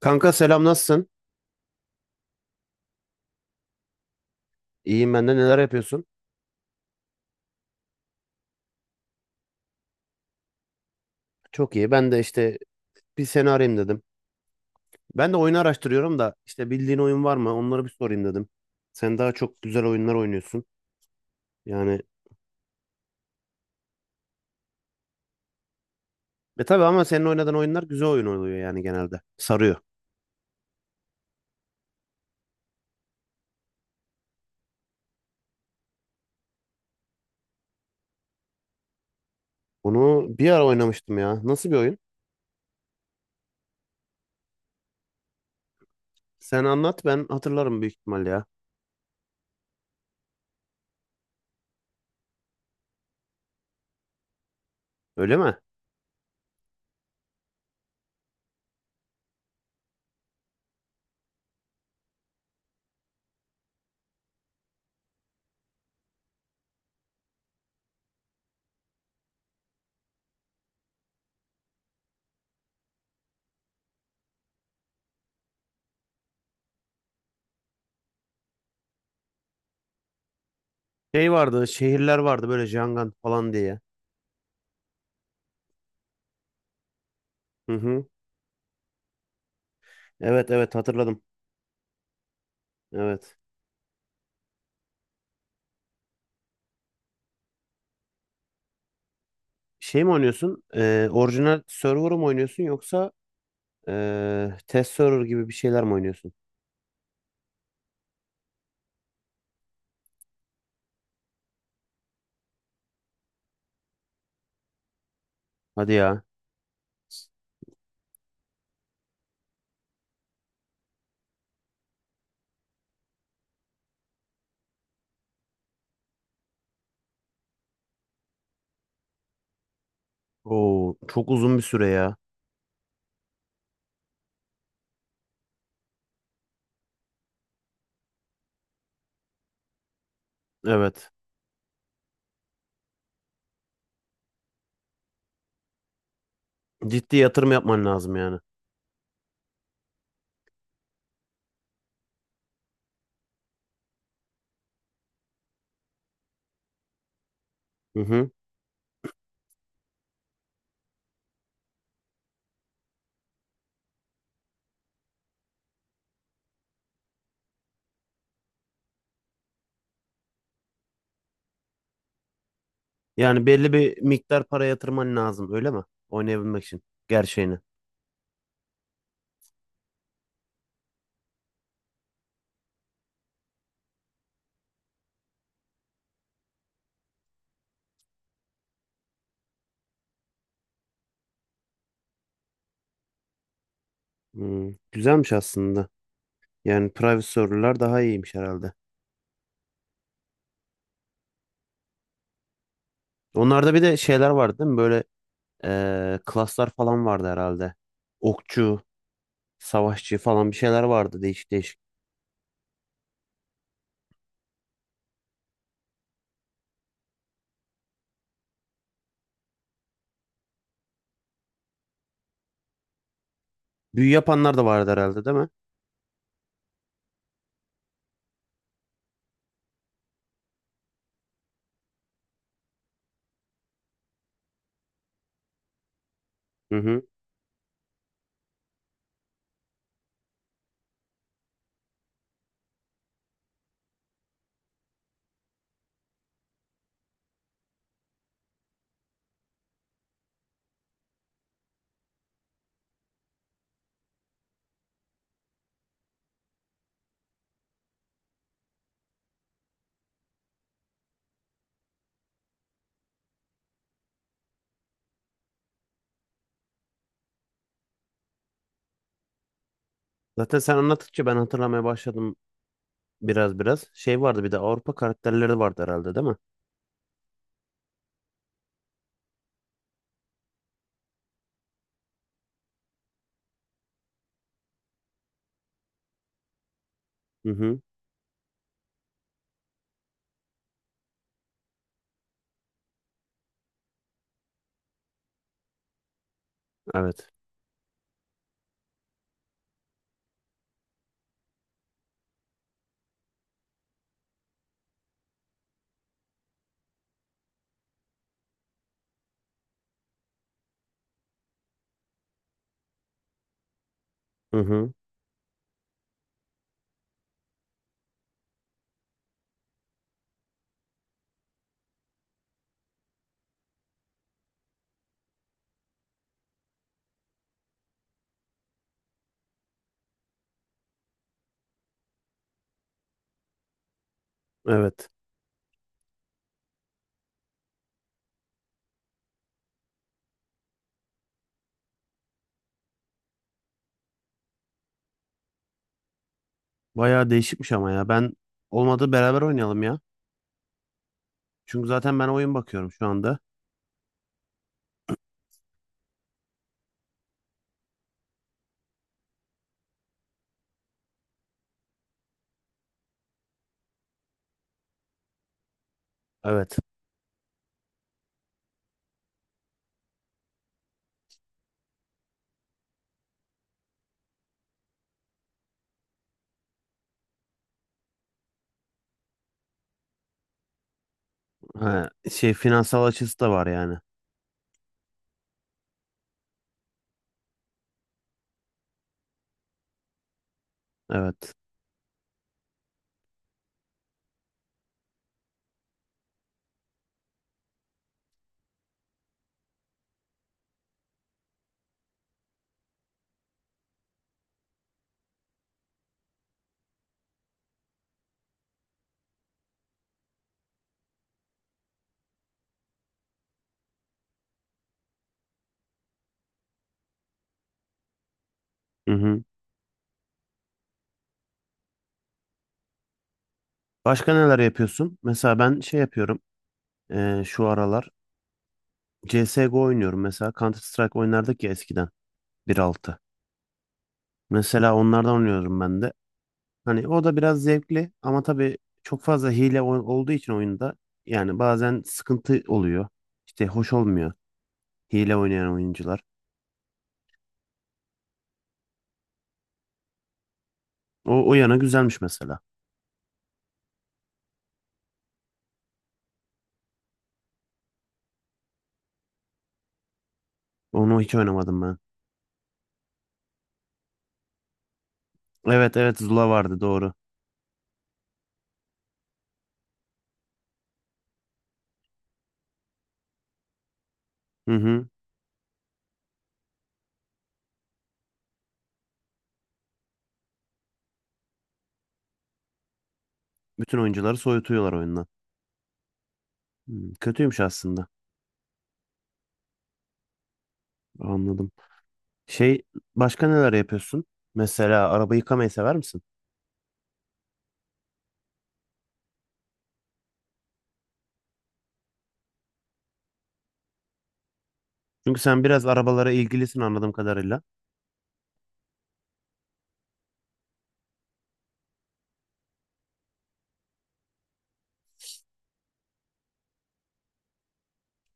Kanka selam, nasılsın? İyiyim, ben de. Neler yapıyorsun? Çok iyi. Ben de işte bir seni arayayım dedim. Ben de oyunu araştırıyorum da işte bildiğin oyun var mı? Onları bir sorayım dedim. Sen daha çok güzel oyunlar oynuyorsun. Yani tabii ama senin oynadığın oyunlar güzel oyun oluyor yani genelde. Sarıyor. Onu bir ara oynamıştım ya. Nasıl bir oyun? Sen anlat, ben hatırlarım büyük ihtimalle ya. Öyle mi? Şey vardı, şehirler vardı böyle Jangan falan diye. Hı hı. Evet evet, hatırladım. Evet. Şey mi oynuyorsun? Orijinal server mı oynuyorsun, yoksa test server gibi bir şeyler mi oynuyorsun? Hadi ya. Oo, çok uzun bir süre ya. Evet. Ciddi yatırım yapman lazım yani. Hı hı. Yani belli bir miktar para yatırman lazım, öyle mi? Oynayabilmek için gerçeğini. Hmm, güzelmiş aslında. Yani private server'lar daha iyiymiş herhalde. Onlarda bir de şeyler vardı değil mi? Böyle klaslar falan vardı herhalde. Okçu, savaşçı falan bir şeyler vardı, değişik değişik. Büyü yapanlar da vardı herhalde değil mi? Hı hı. Zaten sen anlattıkça ben hatırlamaya başladım. Biraz biraz. Şey vardı bir de, Avrupa karakterleri vardı herhalde değil mi? Hı hı. Evet. Hı hı. Evet. Bayağı değişikmiş ama ya. Ben olmadı beraber oynayalım ya. Çünkü zaten ben oyun bakıyorum şu anda. Evet. Ha, şey, finansal açısı da var yani. Evet. Hı hı. Başka neler yapıyorsun? Mesela ben şey yapıyorum. Şu aralar CSGO oynuyorum mesela. Counter Strike oynardık ya eskiden, 1.6. Mesela onlardan oynuyorum ben de. Hani o da biraz zevkli ama tabii çok fazla hile olduğu için oyunda, yani bazen sıkıntı oluyor. İşte hoş olmuyor hile oynayan oyuncular. O, o yana güzelmiş mesela. Onu hiç oynamadım ben. Evet evet, Zula vardı doğru. Hı hı. Bütün oyuncuları soyutuyorlar oyundan. Hmm, kötüymüş aslında. Anladım. Şey, başka neler yapıyorsun? Mesela araba yıkamayı sever misin? Çünkü sen biraz arabalara ilgilisin anladığım kadarıyla.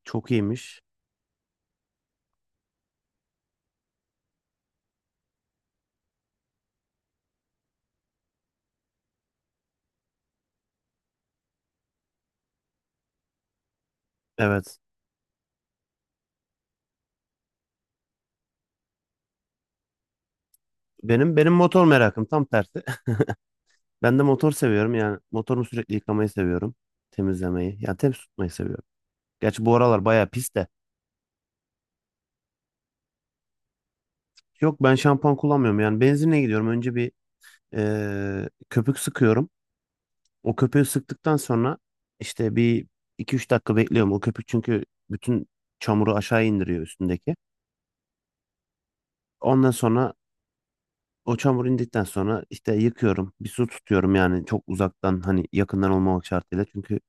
Çok iyiymiş. Evet. Benim motor merakım tam tersi. Ben de motor seviyorum, yani motorumu sürekli yıkamayı seviyorum. Temizlemeyi. Yani temiz tutmayı seviyorum. Gerçi bu aralar bayağı pis de. Yok, ben şampuan kullanmıyorum, yani benzinle gidiyorum. Önce bir köpük sıkıyorum. O köpüğü sıktıktan sonra işte bir iki üç dakika bekliyorum. O köpük çünkü bütün çamuru aşağı indiriyor üstündeki. Ondan sonra o çamur indikten sonra işte yıkıyorum. Bir su tutuyorum, yani çok uzaktan, hani yakından olmamak şartıyla. Çünkü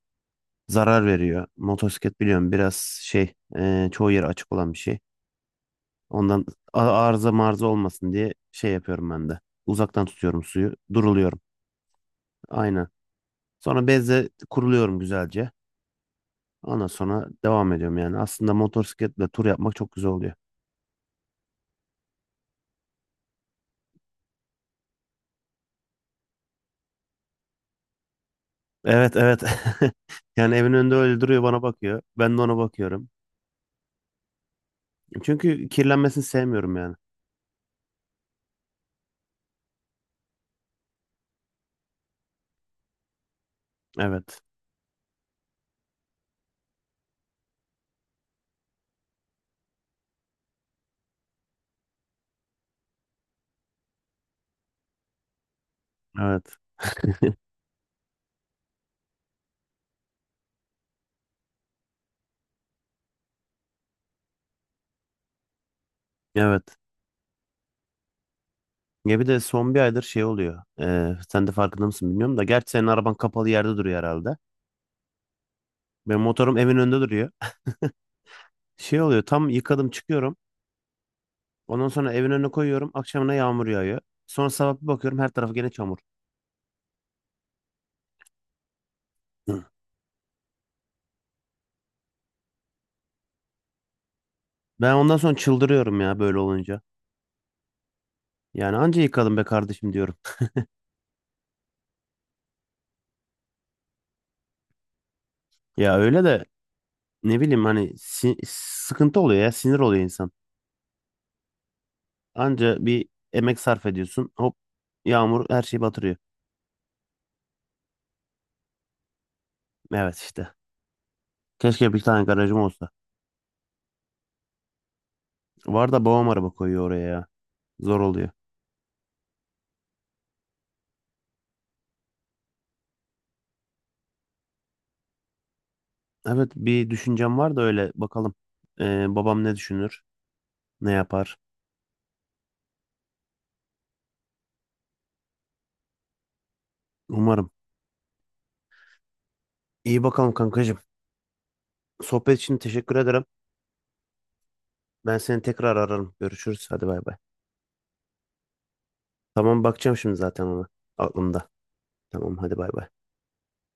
zarar veriyor. Motosiklet biliyorum biraz çoğu yeri açık olan bir şey. Ondan arıza marza olmasın diye şey yapıyorum ben de. Uzaktan tutuyorum suyu. Duruluyorum. Aynen. Sonra bezle kuruluyorum güzelce. Ondan sonra devam ediyorum yani. Aslında motosikletle tur yapmak çok güzel oluyor. Evet evet. Yani evin önünde öyle duruyor, bana bakıyor. Ben de ona bakıyorum. Çünkü kirlenmesini sevmiyorum yani. Evet. Evet. Evet. Ya bir de son bir aydır şey oluyor. Sen de farkında mısın bilmiyorum da. Gerçi senin araban kapalı yerde duruyor herhalde. Benim motorum evin önünde duruyor. Şey oluyor, tam yıkadım çıkıyorum. Ondan sonra evin önüne koyuyorum. Akşamına yağmur yağıyor. Sonra sabah bir bakıyorum, her tarafı gene çamur. Hı. Ben ondan sonra çıldırıyorum ya böyle olunca. Yani anca yıkadım be kardeşim diyorum. Ya öyle de ne bileyim hani, sıkıntı oluyor ya, sinir oluyor insan. Anca bir emek sarf ediyorsun. Hop, yağmur her şeyi batırıyor. Evet işte. Keşke bir tane garajım olsa. Var da babam araba koyuyor oraya ya. Zor oluyor. Evet, bir düşüncem var da öyle bakalım. Babam ne düşünür? Ne yapar? Umarım. İyi bakalım kankacığım. Sohbet için teşekkür ederim. Ben seni tekrar ararım. Görüşürüz. Hadi bay bay. Tamam, bakacağım şimdi zaten ona. Aklımda. Tamam hadi bay bay.